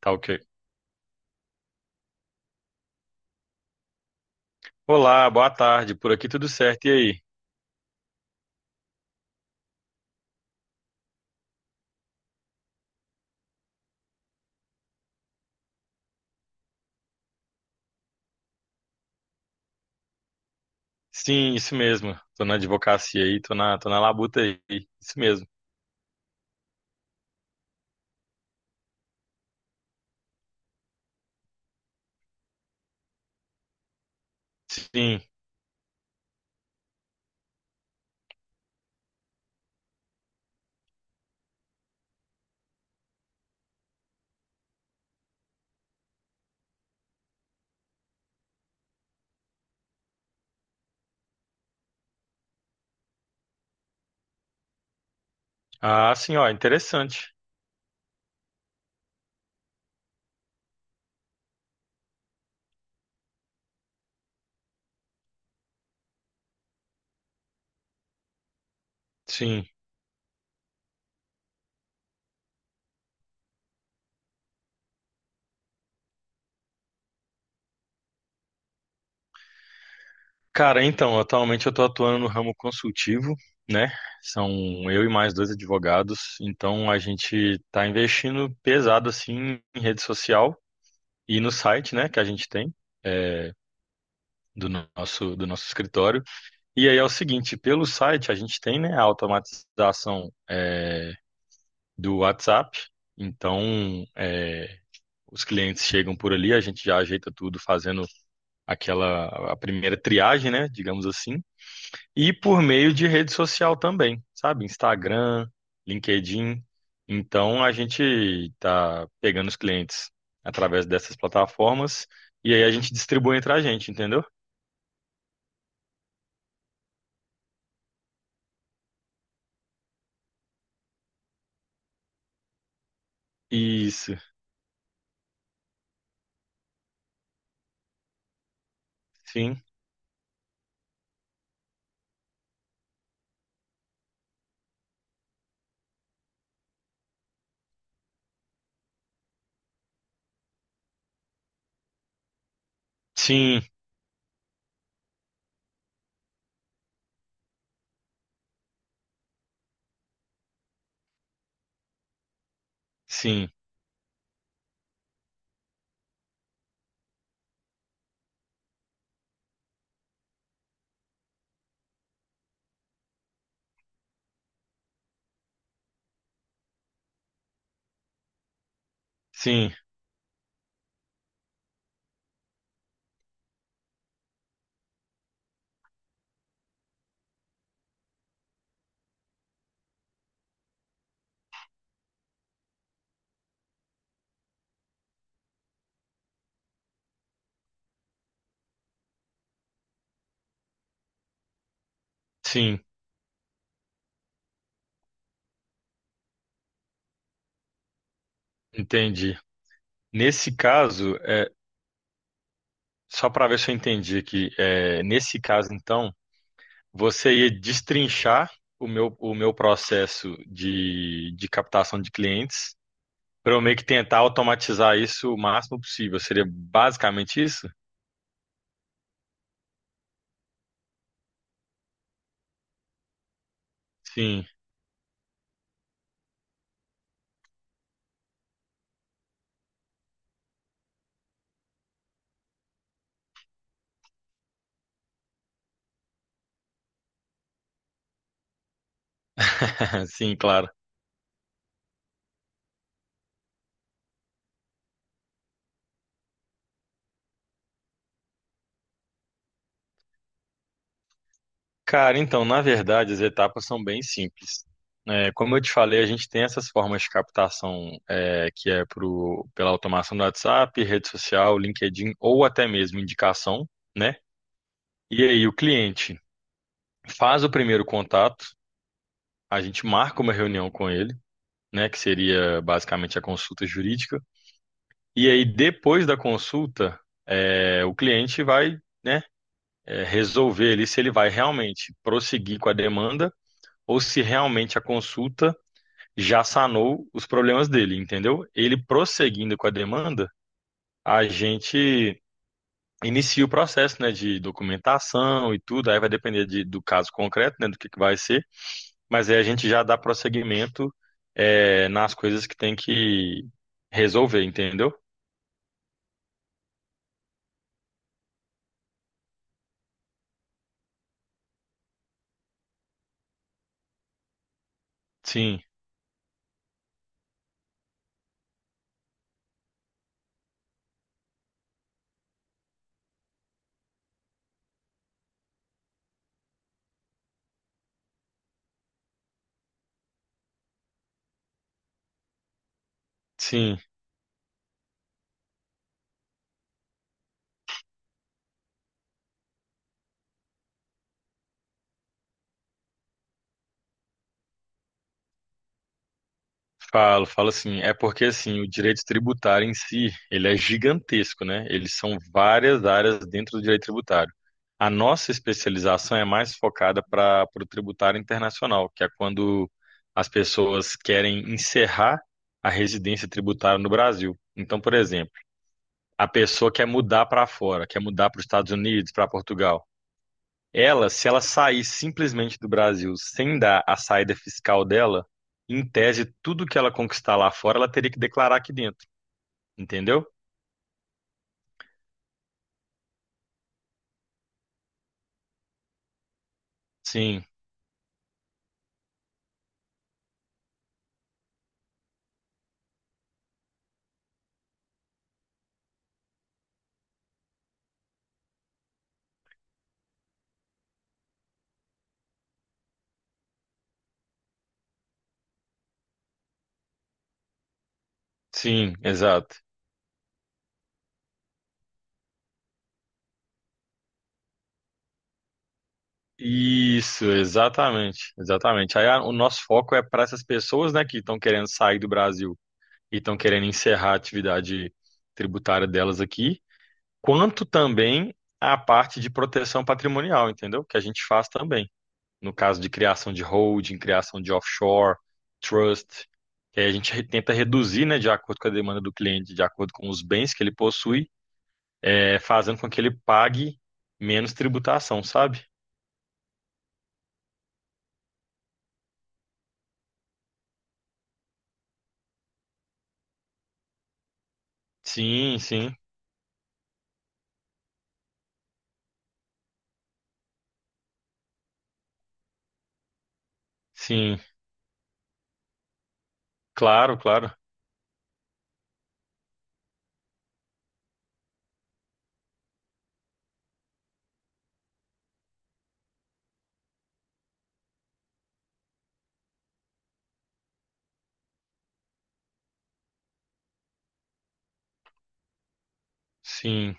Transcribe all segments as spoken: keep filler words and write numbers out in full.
Tá, ok. Olá, boa tarde. Por aqui tudo certo. E aí? Sim, isso mesmo. Tô na advocacia aí, tô na, tô na labuta aí. Isso mesmo. Sim. Ah, sim, ó, interessante. Sim. Cara, então, atualmente eu tô atuando no ramo consultivo, né? São eu e mais dois advogados. Então a gente tá investindo pesado assim em rede social e no site, né, que a gente tem. é, do nosso do nosso escritório. E aí é o seguinte, pelo site a gente tem, né, a automatização é, do WhatsApp. Então, é, os clientes chegam por ali, a gente já ajeita tudo fazendo aquela a primeira triagem, né, digamos assim, e por meio de rede social também, sabe? Instagram, LinkedIn. Então, a gente está pegando os clientes através dessas plataformas e aí a gente distribui entre a gente, entendeu? Isso. Sim. Sim, sim, sim, sim. Entendi. Nesse caso, é, Só para ver se eu entendi aqui, é, nesse caso, então, você ia destrinchar o meu, o meu processo de, de captação de clientes para eu meio que tentar automatizar isso o máximo possível. Seria basicamente isso? Sim, sim, claro. Cara, então, na verdade, as etapas são bem simples. É, como eu te falei, a gente tem essas formas de captação é, que é pro, pela automação do WhatsApp, rede social, LinkedIn ou até mesmo indicação, né? E aí, o cliente faz o primeiro contato, a gente marca uma reunião com ele, né, que seria basicamente a consulta jurídica, e aí depois da consulta, é, o cliente vai, né, é, resolver ali se ele vai realmente prosseguir com a demanda ou se realmente a consulta já sanou os problemas dele, entendeu? Ele prosseguindo com a demanda, a gente inicia o processo, né, de documentação e tudo, aí vai depender de- do caso concreto, né, do que que vai ser. Mas aí a gente já dá prosseguimento, é, nas coisas que tem que resolver, entendeu? Sim, sim. Falo, falo assim. É porque assim, o direito tributário em si, ele é gigantesco, né? Eles são várias áreas dentro do direito tributário. A nossa especialização é mais focada para o tributário internacional, que é quando as pessoas querem encerrar a residência tributária no Brasil. Então, por exemplo, a pessoa quer mudar para fora, quer mudar para os Estados Unidos, para Portugal. Ela, se ela sair simplesmente do Brasil sem dar a saída fiscal dela, em tese, tudo que ela conquistar lá fora, ela teria que declarar aqui dentro, entendeu? Sim, sim, exato. Isso, exatamente, exatamente. Aí a- o nosso foco é para essas pessoas, né, que estão querendo sair do Brasil e estão querendo encerrar a atividade tributária delas aqui, quanto também a parte de proteção patrimonial, entendeu? Que a gente faz também, no caso de criação de holding, criação de offshore, trust, que aí a gente re- tenta reduzir, né, de acordo com a demanda do cliente, de acordo com os bens que ele possui, é, fazendo com que ele pague menos tributação, sabe? Sim, sim, sim, claro, claro, sim.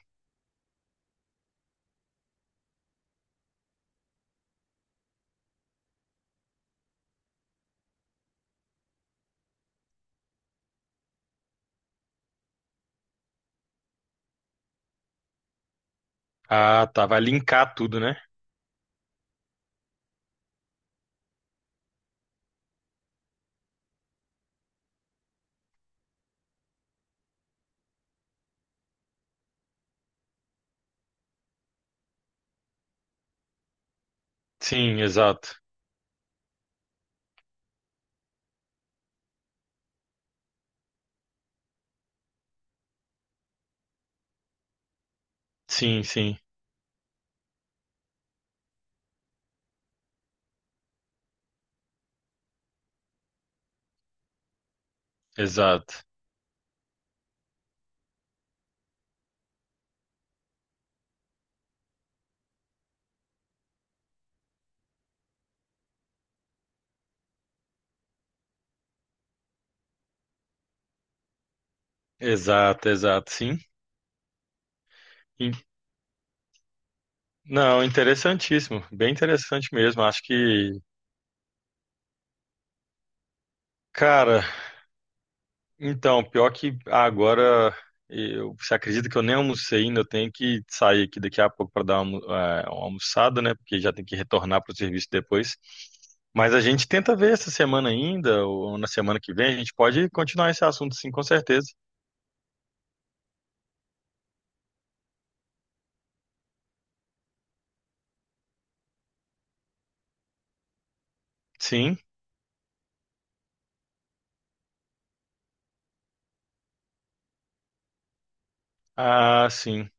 Ah, tá, vai linkar tudo, né? Sim, exato, sim, sim, exato, exato, exato, sim. In- Não, interessantíssimo, bem interessante mesmo. Acho que, cara, então, pior que agora eu, você acredita que eu nem almocei ainda, eu tenho que sair aqui daqui a pouco para dar uma, almo- eh, uma almoçada, né? Porque já tem que retornar para o serviço depois. Mas a gente tenta ver essa semana ainda, ou na semana que vem, a gente pode continuar esse assunto, sim, com certeza. Sim, ah, sim,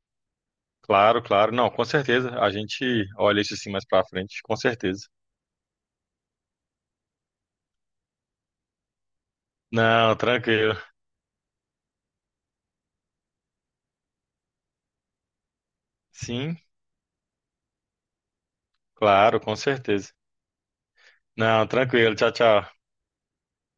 claro, claro. Não, com certeza. A gente olha isso assim mais para frente, com certeza. Não, tranquilo. Sim, claro, com certeza. Não, tranquilo. Tchau, tchau.